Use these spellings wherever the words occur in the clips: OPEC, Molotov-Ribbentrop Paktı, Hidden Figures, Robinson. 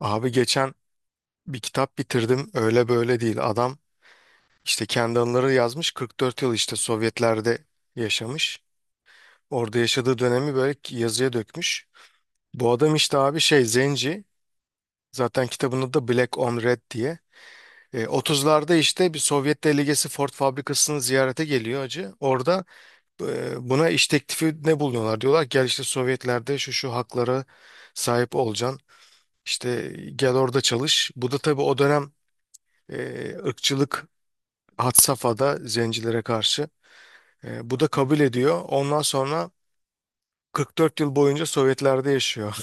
Abi geçen bir kitap bitirdim, öyle böyle değil. Adam işte kendi anıları yazmış, 44 yıl işte Sovyetler'de yaşamış. Orada yaşadığı dönemi böyle yazıya dökmüş. Bu adam işte abi şey zenci, zaten kitabın adı da Black on Red diye. 30'larda işte bir Sovyet delegesi Ford fabrikasını ziyarete geliyor acı. Orada buna iş teklifi ne bulunuyorlar? Diyorlar gel işte Sovyetler'de şu şu haklara sahip olacaksın. İşte gel orada çalış. Bu da tabii o dönem e, ırkçılık had safhada zencilere karşı. Bu da kabul ediyor. Ondan sonra 44 yıl boyunca Sovyetler'de yaşıyor.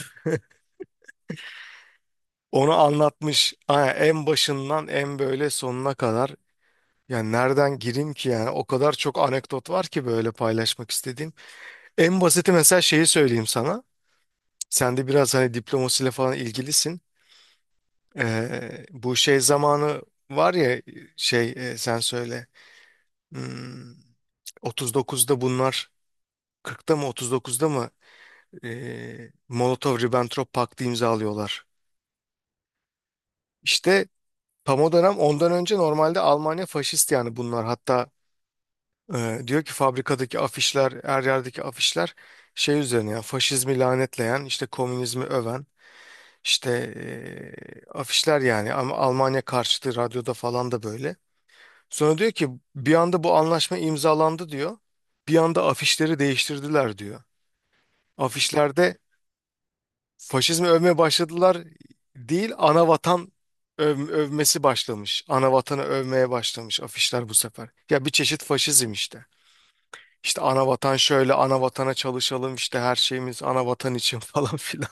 Onu anlatmış. Ha, en başından en böyle sonuna kadar. Yani nereden gireyim ki, yani o kadar çok anekdot var ki böyle paylaşmak istediğim. En basiti mesela şeyi söyleyeyim sana. Sen de biraz hani diplomasiyle falan ilgilisin. Bu şey zamanı var ya, şey, sen söyle. Hmm, 39'da bunlar, 40'ta mı 39'da mı Molotov-Ribbentrop Paktı imzalıyorlar. İşte tam o dönem, ondan önce normalde Almanya faşist yani bunlar. Hatta diyor ki fabrikadaki afişler, her yerdeki afişler şey üzerine yani, faşizmi lanetleyen, işte komünizmi öven, işte afişler yani, ama Almanya karşıtı, radyoda falan da böyle. Sonra diyor ki bir anda bu anlaşma imzalandı diyor. Bir anda afişleri değiştirdiler diyor. Afişlerde faşizmi övmeye başladılar değil, ana vatan, övmesi başlamış. Ana vatanı övmeye başlamış afişler bu sefer. Ya bir çeşit faşizm işte. İşte ana vatan şöyle, ana vatana çalışalım, işte her şeyimiz ana vatan için falan filan.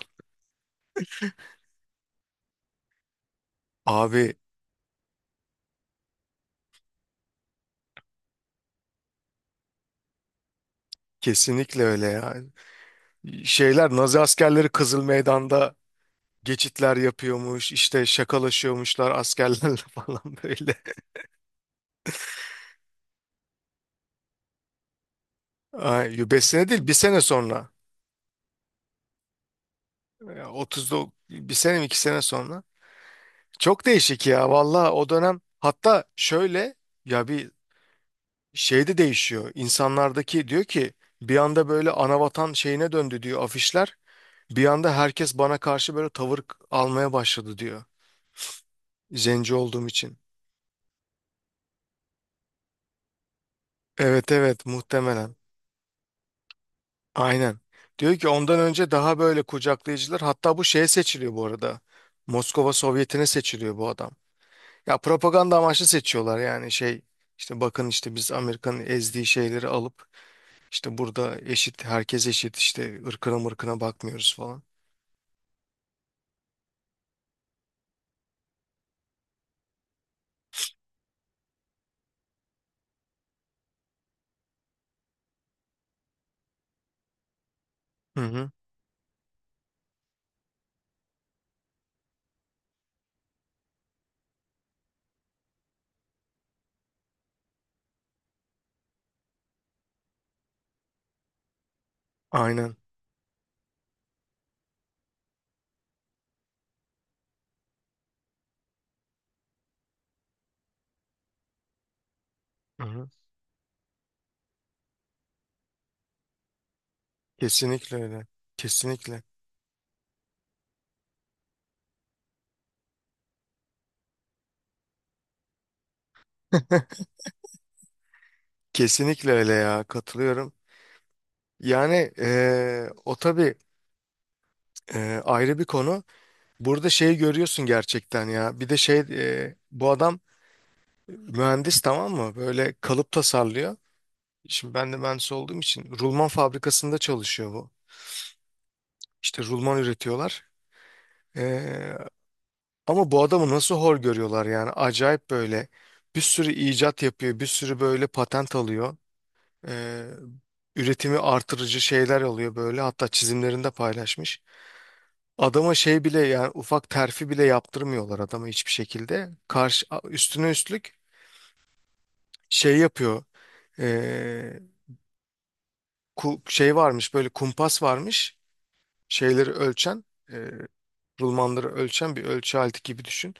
Abi kesinlikle öyle ya. Şeyler, Nazi askerleri Kızıl Meydan'da geçitler yapıyormuş, işte şakalaşıyormuşlar askerlerle falan böyle. Ay, besene değil, bir sene sonra. Ya 30'da, bir sene mi, iki sene sonra. Çok değişik ya valla o dönem. Hatta şöyle, ya bir şey de değişiyor insanlardaki, diyor ki bir anda böyle anavatan şeyine döndü diyor afişler, bir anda herkes bana karşı böyle tavır almaya başladı diyor, zenci olduğum için. Evet, evet, muhtemelen, aynen. Diyor ki ondan önce daha böyle kucaklayıcılar, hatta bu şeye seçiliyor bu arada, Moskova Sovyeti'ne seçiliyor bu adam. Ya propaganda amaçlı seçiyorlar yani, şey, işte bakın işte biz Amerika'nın ezdiği şeyleri alıp İşte burada eşit, herkes eşit, işte ırkına mırkına bakmıyoruz falan. Hı hı. Aynen. Hı hı. Kesinlikle öyle. Kesinlikle. Kesinlikle öyle ya, katılıyorum. Yani o tabii ayrı bir konu. Burada şeyi görüyorsun gerçekten ya. Bir de şey, bu adam mühendis, tamam mı? Böyle kalıp tasarlıyor. Şimdi ben de mühendis olduğum için, rulman fabrikasında çalışıyor bu. İşte rulman üretiyorlar. Eee, Ama bu adamı nasıl hor görüyorlar, yani acayip. Böyle bir sürü icat yapıyor, bir sürü böyle patent alıyor. Ee, üretimi artırıcı şeyler alıyor böyle, hatta çizimlerinde paylaşmış. Adama şey bile, yani ufak terfi bile yaptırmıyorlar adama, hiçbir şekilde. Karşı, üstüne üstlük şey yapıyor. Ee, şey varmış böyle, kumpas varmış, şeyleri ölçen, e, rulmanları ölçen bir ölçü aleti gibi düşün.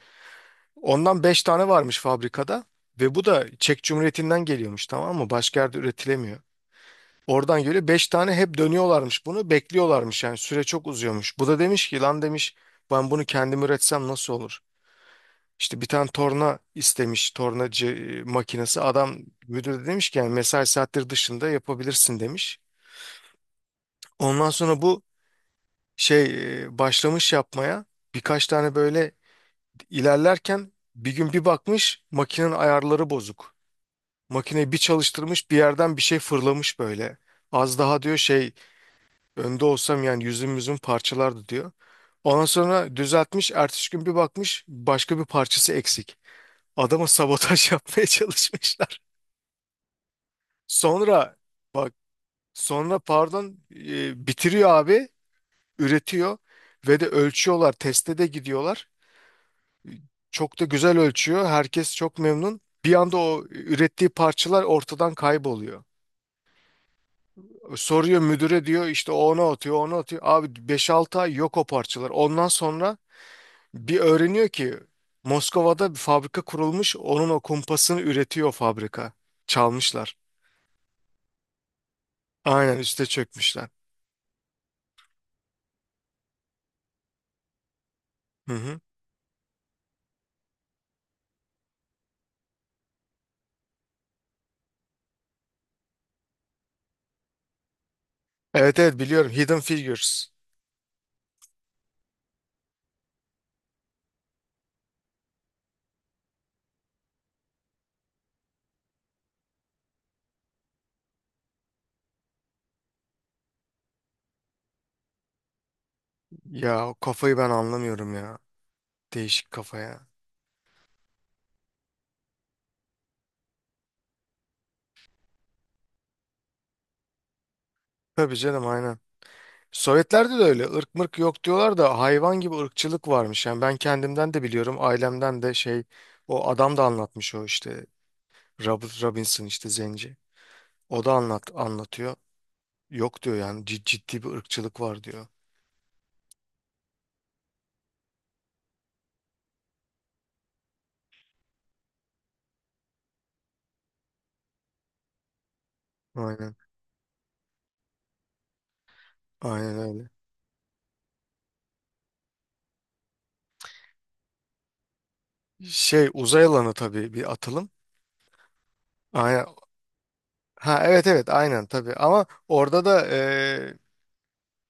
Ondan 5 tane varmış fabrikada ve bu da Çek Cumhuriyeti'nden geliyormuş, tamam mı? Başka yerde üretilemiyor. Oradan geliyor 5 tane, hep dönüyorlarmış, bunu bekliyorlarmış, yani süre çok uzuyormuş. Bu da demiş ki lan, demiş ben bunu kendim üretsem nasıl olur? İşte bir tane torna istemiş, tornacı makinesi. Adam müdür de demiş ki yani mesai saatleri dışında yapabilirsin demiş. Ondan sonra bu şey, başlamış yapmaya birkaç tane böyle. İlerlerken bir gün bir bakmış, makinenin ayarları bozuk. Makineyi bir çalıştırmış, bir yerden bir şey fırlamış böyle. Az daha, diyor, şey önde olsam, yani yüzüm parçalardı diyor. Ondan sonra düzeltmiş, ertesi gün bir bakmış başka bir parçası eksik. Adama sabotaj yapmaya çalışmışlar. Sonra, bak, sonra pardon, bitiriyor abi, üretiyor ve de ölçüyorlar, teste de gidiyorlar. Çok da güzel ölçüyor, herkes çok memnun. Bir anda o ürettiği parçalar ortadan kayboluyor. Soruyor müdüre, diyor işte, o ona atıyor, ona atıyor. Abi beş 6 ay yok o parçalar. Ondan sonra bir öğreniyor ki Moskova'da bir fabrika kurulmuş. Onun o kumpasını üretiyor fabrika. Çalmışlar. Aynen, üste çökmüşler. Hı hı. Evet, evet, biliyorum, Hidden Figures. Ya o kafayı ben anlamıyorum ya. Değişik kafa ya. Tabii canım, aynen. Sovyetlerde de öyle ırk mırk yok diyorlar da, hayvan gibi ırkçılık varmış. Yani ben kendimden de biliyorum, ailemden de. Şey, o adam da anlatmış, o işte, Robinson, işte zenci. O da anlatıyor. Yok diyor, yani ciddi bir ırkçılık var diyor. Aynen. Aynen öyle. Şey, uzay alanı tabii bir atılım. Aynen. Ha evet, evet aynen tabii, ama orada da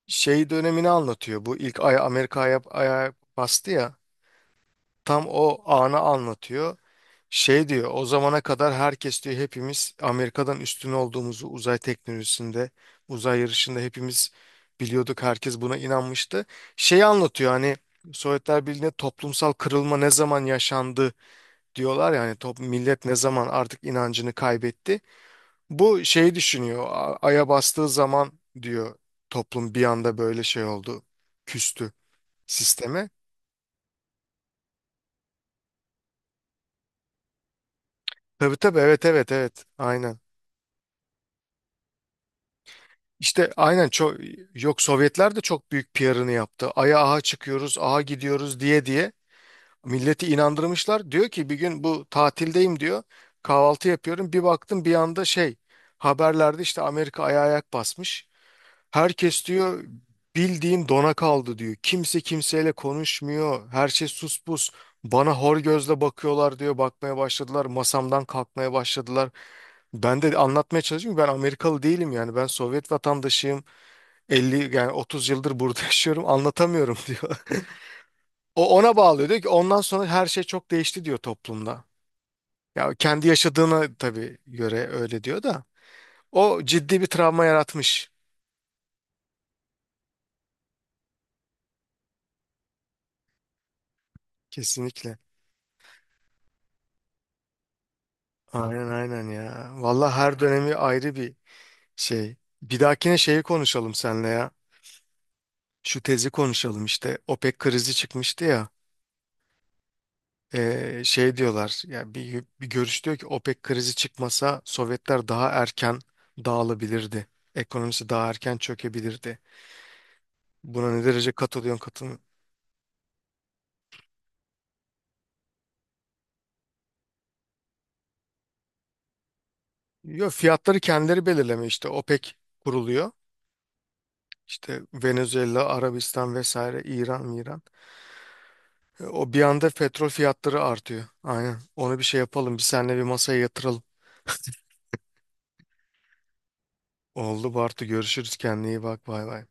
şey dönemini anlatıyor. Bu ilk, ay Amerika aya bastı ya. Tam o anı anlatıyor. Şey diyor, o zamana kadar herkes diyor, hepimiz Amerika'dan üstün olduğumuzu uzay teknolojisinde, uzay yarışında hepimiz biliyorduk, herkes buna inanmıştı. Şeyi anlatıyor hani, Sovyetler Birliği'nde toplumsal kırılma ne zaman yaşandı diyorlar, yani millet ne zaman artık inancını kaybetti. Bu şeyi düşünüyor, Ay'a bastığı zaman, diyor, toplum bir anda böyle şey oldu, küstü sisteme. Tabii tabii, evet evet evet, aynen. İşte aynen, çok, yok Sovyetler de çok büyük PR'ını yaptı. Ay'a aha çıkıyoruz, aha gidiyoruz diye diye milleti inandırmışlar. Diyor ki bir gün, bu tatildeyim diyor. Kahvaltı yapıyorum. Bir baktım bir anda şey, haberlerde işte Amerika aya ayak basmış. Herkes, diyor, bildiğin dona kaldı diyor. Kimse kimseyle konuşmuyor. Her şey sus pus. Bana hor gözle bakıyorlar diyor. Bakmaya başladılar. Masamdan kalkmaya başladılar. Ben de anlatmaya çalışıyorum, ben Amerikalı değilim yani, ben Sovyet vatandaşıyım. 50, yani 30 yıldır burada yaşıyorum, anlatamıyorum diyor. O ona bağlıyor, diyor ki ondan sonra her şey çok değişti diyor toplumda. Ya kendi yaşadığına tabii göre öyle diyor da, o ciddi bir travma yaratmış kesinlikle. Aynen, aynen ya. Vallahi her dönemi ayrı bir şey. Bir dahakine şeyi konuşalım seninle ya. Şu tezi konuşalım işte. OPEC krizi çıkmıştı ya. Şey diyorlar yani, bir görüş diyor ki OPEC krizi çıkmasa Sovyetler daha erken dağılabilirdi, ekonomisi daha erken çökebilirdi. Buna ne derece katılıyorsun, katılmıyorsun? Yok, fiyatları kendileri belirleme, işte OPEC kuruluyor. İşte Venezuela, Arabistan vesaire, İran. O bir anda petrol fiyatları artıyor. Aynen. Onu bir şey yapalım, bir seninle bir masaya yatıralım. Oldu Bartu. Görüşürüz. Kendine iyi bak. Bay bay.